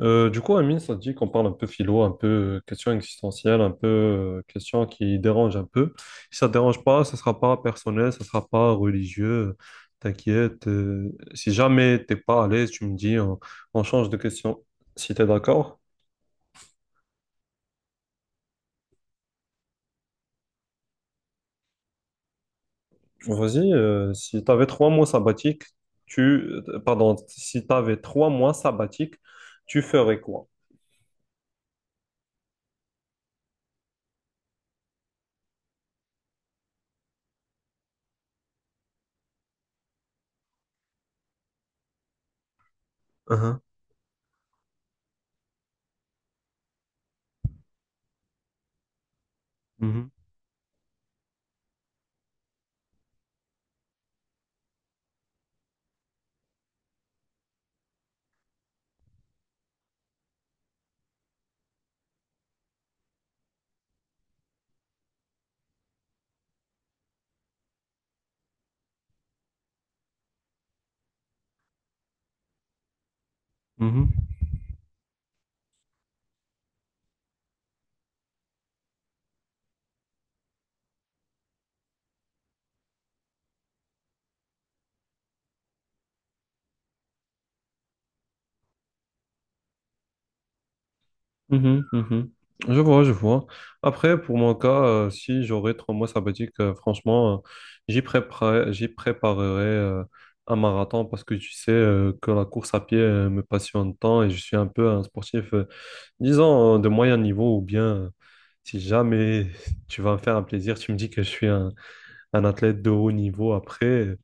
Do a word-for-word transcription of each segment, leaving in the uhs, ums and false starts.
Euh, du coup, Amine, ça te dit qu'on parle un peu philo, un peu euh, question existentielle, un peu euh, question qui dérange un peu. Si ça te dérange pas, ça sera pas personnel, ça sera pas religieux. T'inquiète. Euh, si jamais t'es pas à l'aise, tu me dis, on, on change de question. Si t'es d'accord, vas-y. Euh, si t'avais trois mois sabbatiques, tu, euh, pardon, si t'avais trois mois sabbatiques, tu ferais quoi? Uhum. Mhm, mhm. Mhm, mhm. Je vois, je vois. Après, pour mon cas, euh, si j'aurais trois mois sabbatiques, euh, franchement, euh, j'y préparerai, j'y préparerai euh, un marathon parce que tu sais euh, que la course à pied euh, me passionne tant et je suis un peu un sportif, euh, disons, euh, de moyen niveau ou bien, euh, si jamais tu vas me faire un plaisir, tu me dis que je suis un, un athlète de haut niveau. Après, euh,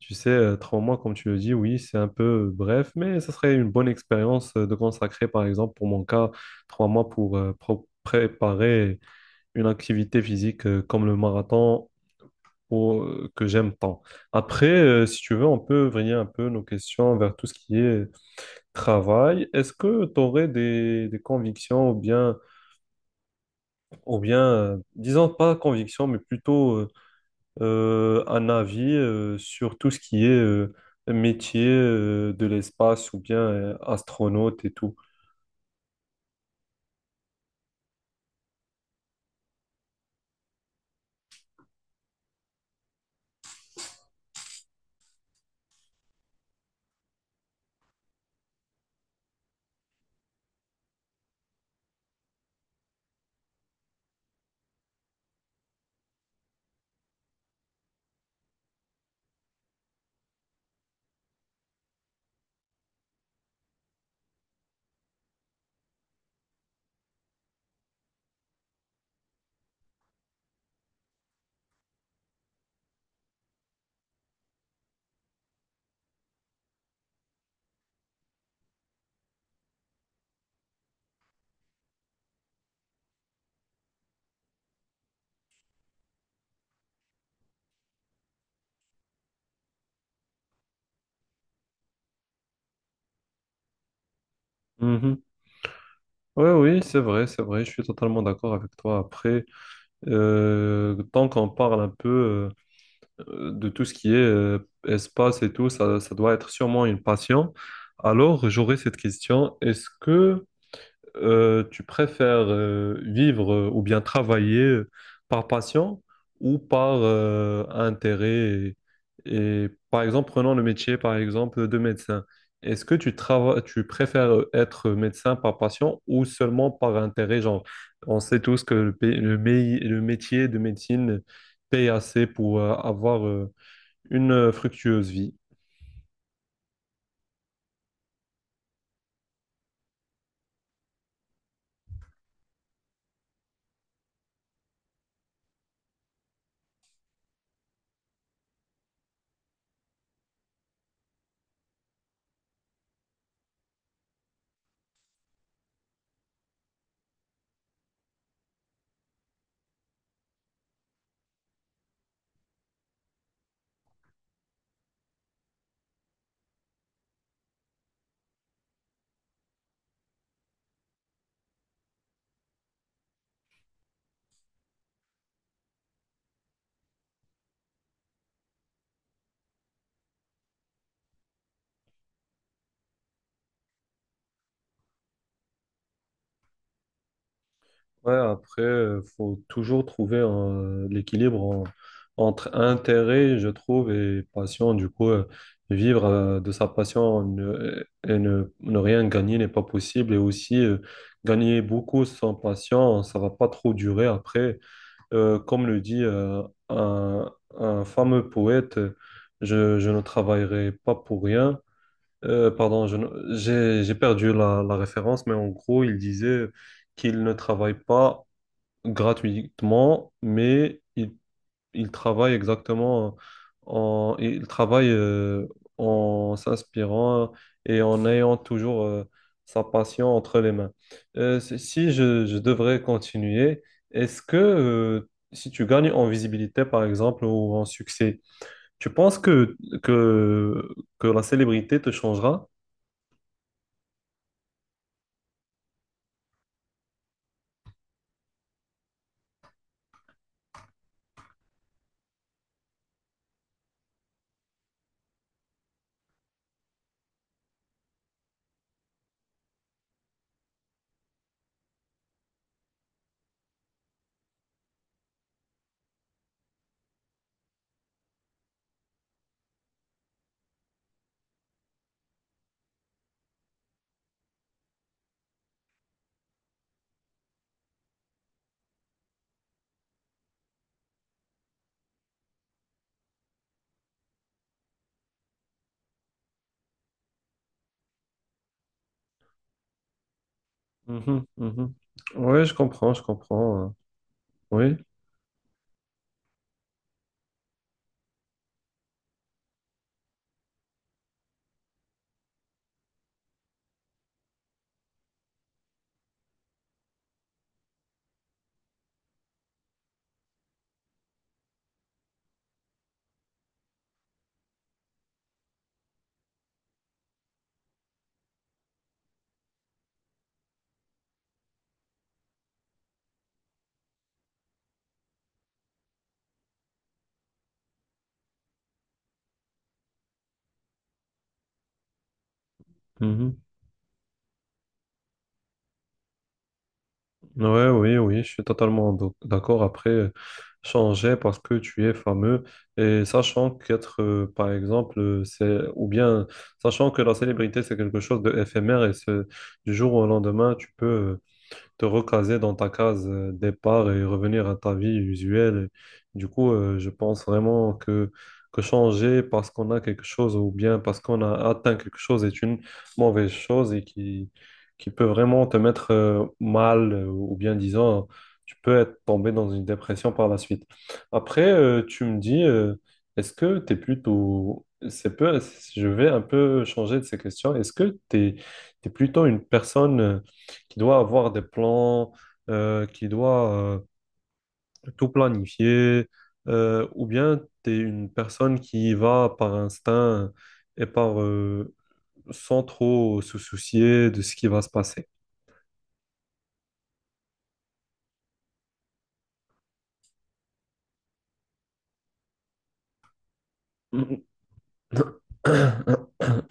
tu sais, euh, trois mois, comme tu le dis, oui, c'est un peu euh, bref, mais ça serait une bonne expérience euh, de consacrer, par exemple, pour mon cas, trois mois pour euh, pro- préparer une activité physique euh, comme le marathon ou, euh, que j'aime tant. Après, euh, si tu veux, on peut vriller un peu nos questions vers tout ce qui est travail. Est-ce que tu aurais des, des convictions ou bien, ou bien euh, disons pas convictions, mais plutôt euh, euh, un avis euh, sur tout ce qui est euh, métier euh, de l'espace ou bien euh, astronaute et tout. Mhm. Oui, oui, c'est vrai, c'est vrai, je suis totalement d'accord avec toi. Après, euh, tant qu'on parle un peu euh, de tout ce qui est euh, espace et tout, ça, ça doit être sûrement une passion. Alors, j'aurais cette question, est-ce que euh, tu préfères euh, vivre euh, ou bien travailler euh, par passion ou par euh, intérêt et, et, par exemple, prenons le métier par exemple de médecin. Est-ce que tu trava- Tu préfères euh, être médecin par passion ou seulement par intérêt? Genre, on sait tous que le, pays- le, mei- le métier de médecine paye assez pour euh, avoir euh, une euh, fructueuse vie. Ouais, après, euh, faut toujours trouver un- l'équilibre en- entre intérêt, je trouve, et passion. Du coup, euh, vivre euh, de sa passion ne- et ne, ne rien gagner n'est pas possible. Et aussi, euh, gagner beaucoup sans passion, ça va pas trop durer. Après, Euh, comme le dit euh, un, un fameux poète, je, je ne travaillerai pas pour rien. Euh, pardon, je ne- j'ai j'ai perdu la, la référence, mais en gros, il disait qu'il ne travaille pas gratuitement, mais il, il travaille exactement en, il travaille euh, en s'inspirant et en ayant toujours euh, sa passion entre les mains. Euh, si si je, je devrais continuer, est-ce que euh, si tu gagnes en visibilité, par exemple, ou en succès, tu penses que, que, que la célébrité te changera? Mhm, mhm. Oui, je comprends, je comprends. euh, Oui. Ouais, oui, oui, je suis totalement d'ac- d'accord. Après, euh, changer parce que tu es fameux et sachant qu'être, euh, par exemple, euh, c'est ou bien sachant que la célébrité c'est quelque chose d'éphémère et c'est du jour au lendemain, tu peux euh, te recaser dans ta case euh, départ et revenir à ta vie usuelle. Et du coup, euh, je pense vraiment que, que changer parce qu'on a quelque chose ou bien parce qu'on a atteint quelque chose est une mauvaise chose et qui, qui peut vraiment te mettre euh, mal euh, ou bien disant, tu peux être tombé dans une dépression par la suite. Après, euh, tu me dis, euh, est-ce que tu es plutôt... C'est peu, je vais un peu changer de ces questions. Est-ce que tu es, plutôt une personne... euh, qui doit avoir des plans, euh, qui doit euh, tout planifier, euh, ou bien tu es une personne qui va par instinct et par euh, sans trop se soucier de ce qui va se passer.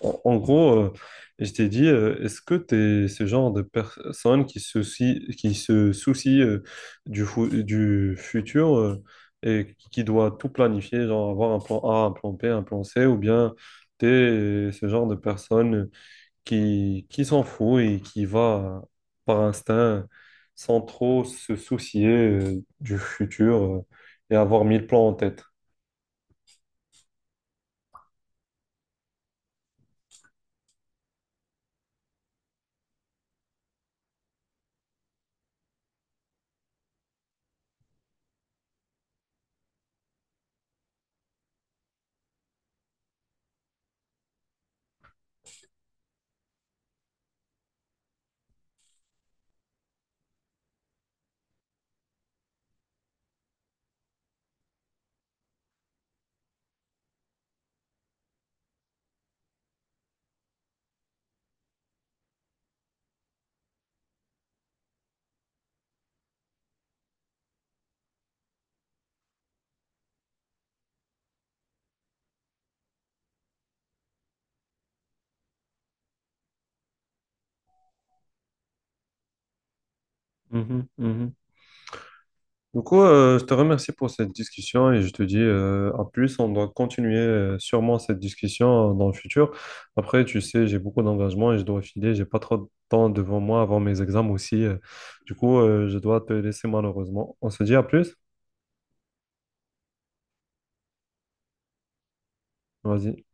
En, en gros, euh, je t'ai dit, euh, est-ce que tu es ce genre de personne qui se soucie, qui se soucie euh, du, fou- du futur euh, et qui doit tout planifier, genre avoir un plan A, un plan B, un plan C, ou bien tu es ce genre de personne qui, qui s'en fout et qui va par instinct sans trop se soucier euh, du futur euh, et avoir mille plans en tête? Mhm, mhm. Du coup, euh, je te remercie pour cette discussion et je te dis euh, à plus. On doit continuer euh, sûrement cette discussion euh, dans le futur. Après, tu sais, j'ai beaucoup d'engagement et je dois filer. J'ai pas trop de temps devant moi avant mes examens aussi. euh. Du coup, euh, je dois te laisser malheureusement. On se dit à plus. Vas-y.